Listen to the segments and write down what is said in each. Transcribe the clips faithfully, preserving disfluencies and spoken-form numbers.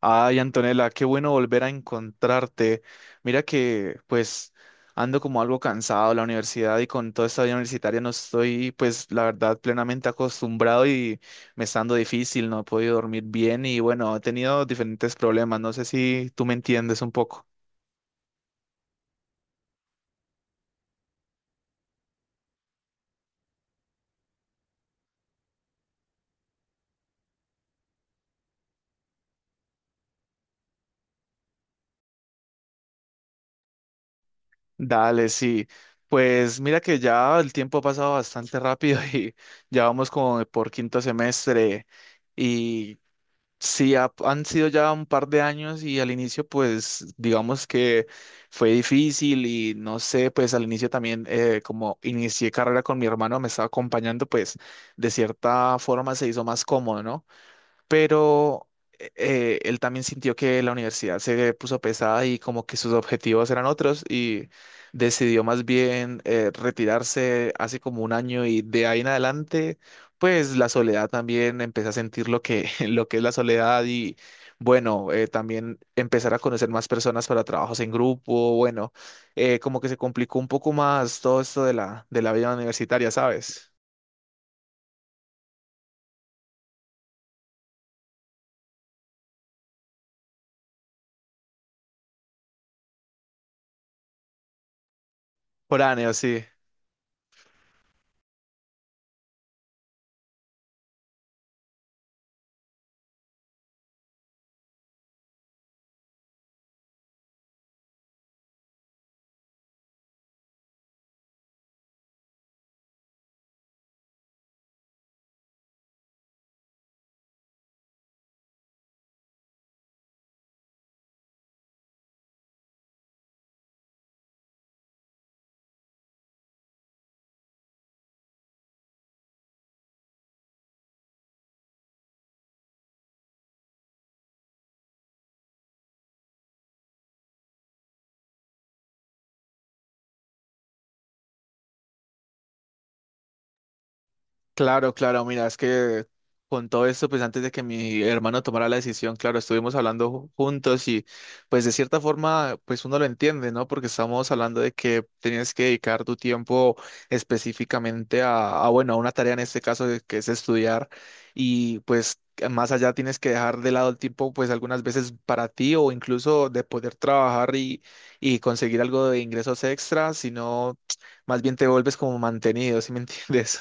Ay, Antonella, qué bueno volver a encontrarte. Mira que pues ando como algo cansado de la universidad y con toda esta vida universitaria no estoy, pues la verdad, plenamente acostumbrado y me está dando difícil. No he podido dormir bien y, bueno, he tenido diferentes problemas. No sé si tú me entiendes un poco. Dale, sí. Pues mira que ya el tiempo ha pasado bastante rápido y ya vamos como por quinto semestre. Y sí, ha- han sido ya un par de años y al inicio, pues, digamos que fue difícil y no sé. Pues al inicio también, eh, como inicié carrera con mi hermano, me estaba acompañando, pues, de cierta forma se hizo más cómodo, ¿no? Pero eh, él también sintió que la universidad se puso pesada y como que sus objetivos eran otros y decidió más bien eh, retirarse hace como un año, y de ahí en adelante, pues la soledad también empecé a sentir lo que, lo que es la soledad. Y bueno, eh, también empezar a conocer más personas para trabajos en grupo. Bueno, eh, como que se complicó un poco más todo esto de la, de la, vida universitaria, ¿sabes? Foráneo, sí. Claro, claro, mira, es que con todo esto, pues antes de que mi hermano tomara la decisión, claro, estuvimos hablando ju- juntos y pues de cierta forma, pues uno lo entiende, ¿no? Porque estamos hablando de que tenías que dedicar tu tiempo específicamente a, a, bueno, a una tarea, en este caso de- que es estudiar. Y pues que más allá tienes que dejar de lado el tiempo, pues algunas veces para ti o incluso de poder trabajar y, y conseguir algo de ingresos extra, sino más bien te vuelves como mantenido, ¿sí me entiendes?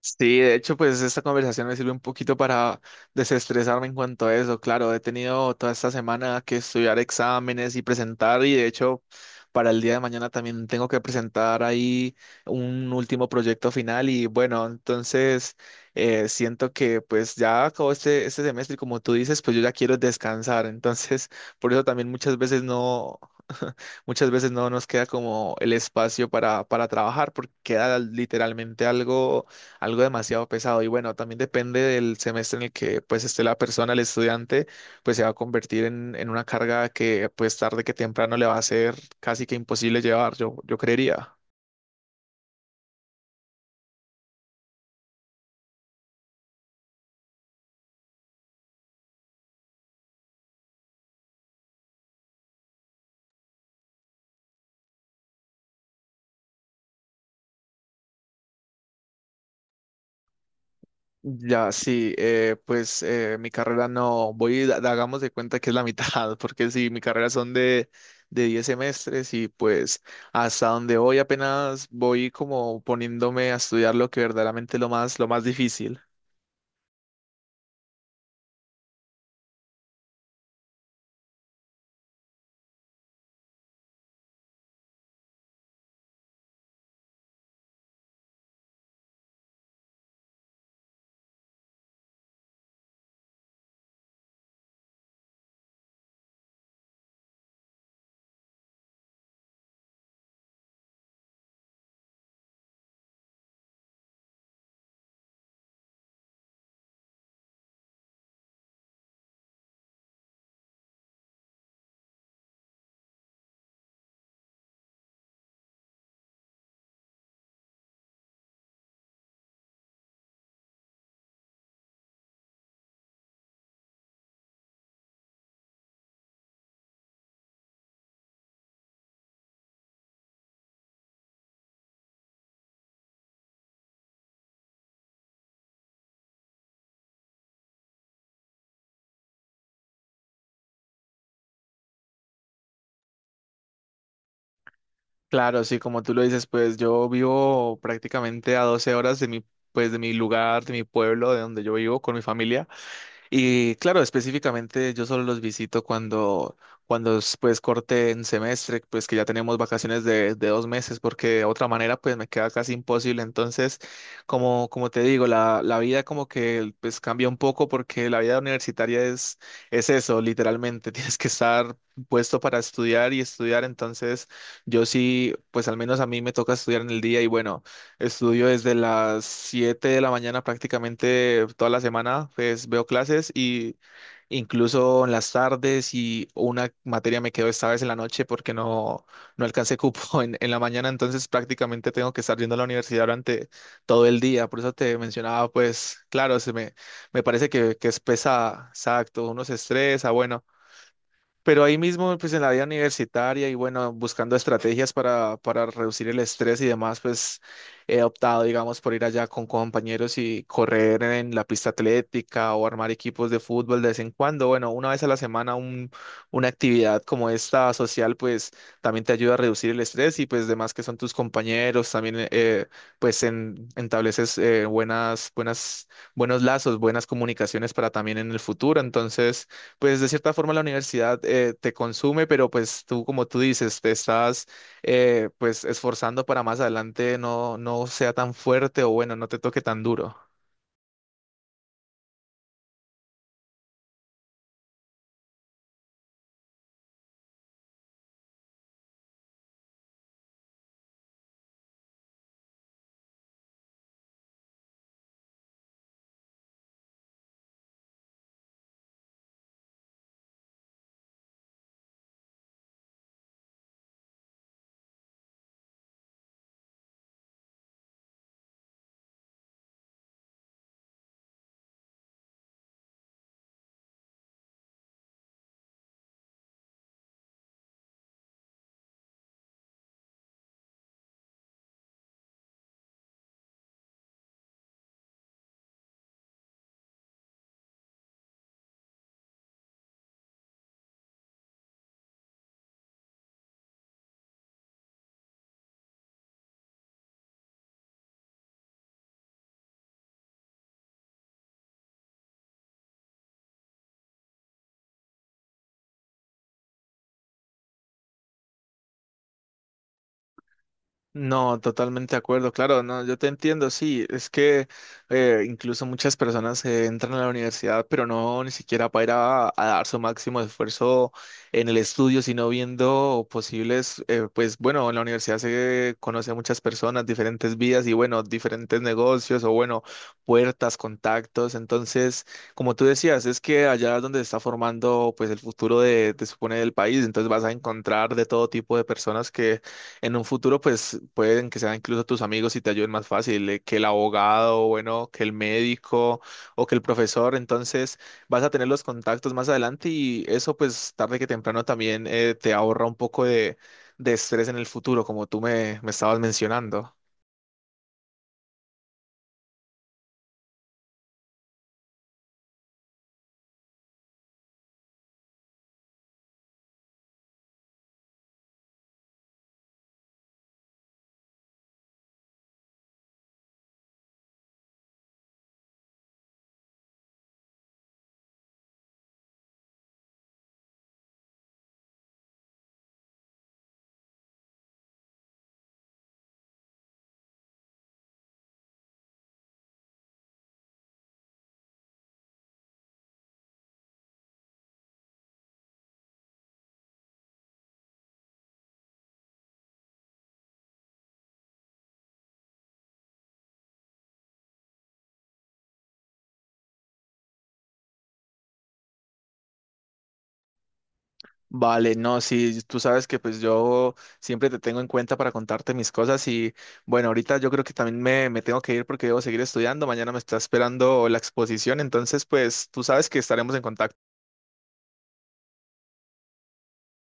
Sí, de hecho, pues esta conversación me sirve un poquito para desestresarme en cuanto a eso. Claro, he tenido toda esta semana que estudiar exámenes y presentar, y de hecho para el día de mañana también tengo que presentar ahí un último proyecto final. Y bueno, entonces eh, siento que pues ya acabó este, este semestre y, como tú dices, pues yo ya quiero descansar. Entonces, por eso también muchas veces no. Muchas veces no nos queda como el espacio para, para, trabajar, porque queda literalmente algo algo demasiado pesado. Y bueno, también depende del semestre en el que pues esté la persona, el estudiante, pues se va a convertir en, en, una carga que pues tarde que temprano le va a ser casi que imposible llevar, yo, yo creería. Ya, sí, eh, pues eh, mi carrera, no, voy, da- hagamos de cuenta que es la mitad, porque si mi carrera son de, de diez semestres, y pues hasta donde voy apenas voy como poniéndome a estudiar lo que verdaderamente es lo más, lo más difícil. Claro, sí, como tú lo dices, pues yo vivo prácticamente a doce horas de mi, pues de mi lugar, de mi pueblo, de donde yo vivo con mi familia. Y claro, específicamente yo solo los visito cuando, cuando, es, pues, corte en semestre, pues que ya tenemos vacaciones de, de dos meses, porque de otra manera pues me queda casi imposible. Entonces, como, como, te digo, la, la vida como que pues cambia un poco, porque la vida universitaria es, es eso, literalmente. Tienes que estar puesto para estudiar y estudiar. Entonces, yo sí, pues al menos a mí me toca estudiar en el día, y bueno. Estudio desde las siete de la mañana prácticamente toda la semana, pues veo clases, y incluso en las tardes. Y una materia me quedó esta vez en la noche porque no, no, alcancé cupo en, en la mañana, entonces prácticamente tengo que estar yendo a la universidad durante todo el día. Por eso te mencionaba, pues claro, se me, me, parece que, que es pesa, exacto, uno se estresa, bueno. Pero ahí mismo, pues en la vida universitaria, y bueno, buscando estrategias para, para reducir el estrés y demás, pues he optado, digamos, por ir allá con compañeros y correr en la pista atlética o armar equipos de fútbol de vez en cuando. Bueno, una vez a la semana un- una actividad como esta, social, pues también te ayuda a reducir el estrés. Y pues demás que son tus compañeros, también eh, pues en, estableces eh, buenas, buenas, buenos lazos, buenas comunicaciones para también en el futuro. Entonces pues de cierta forma la universidad eh, te consume, pero pues tú, como tú dices, te estás eh, pues esforzando para más adelante no, no sea tan fuerte o, bueno, no te toque tan duro. No, totalmente de acuerdo, claro, no, yo te entiendo, sí. Es que eh, incluso muchas personas eh, entran a la universidad, pero no, ni siquiera para ir a, a dar su máximo esfuerzo en el estudio, sino viendo posibles, eh, pues, bueno, en la universidad se conoce a muchas personas, diferentes vidas y, bueno, diferentes negocios o, bueno, puertas, contactos. Entonces, como tú decías, es que allá es donde se está formando pues el futuro de, te supone, del país. Entonces vas a encontrar de todo tipo de personas que en un futuro, pues, pueden que sean incluso tus amigos y te ayuden más fácil, eh, que el abogado, bueno, que el médico o que el profesor. Entonces vas a tener los contactos más adelante y eso, pues tarde que temprano también eh, te ahorra un poco de, de, estrés en el futuro, como tú me, me estabas mencionando. Vale, no, sí, tú sabes que pues yo siempre te tengo en cuenta para contarte mis cosas. Y bueno, ahorita yo creo que también me, me, tengo que ir porque debo seguir estudiando. Mañana me está esperando la exposición, entonces pues tú sabes que estaremos en contacto.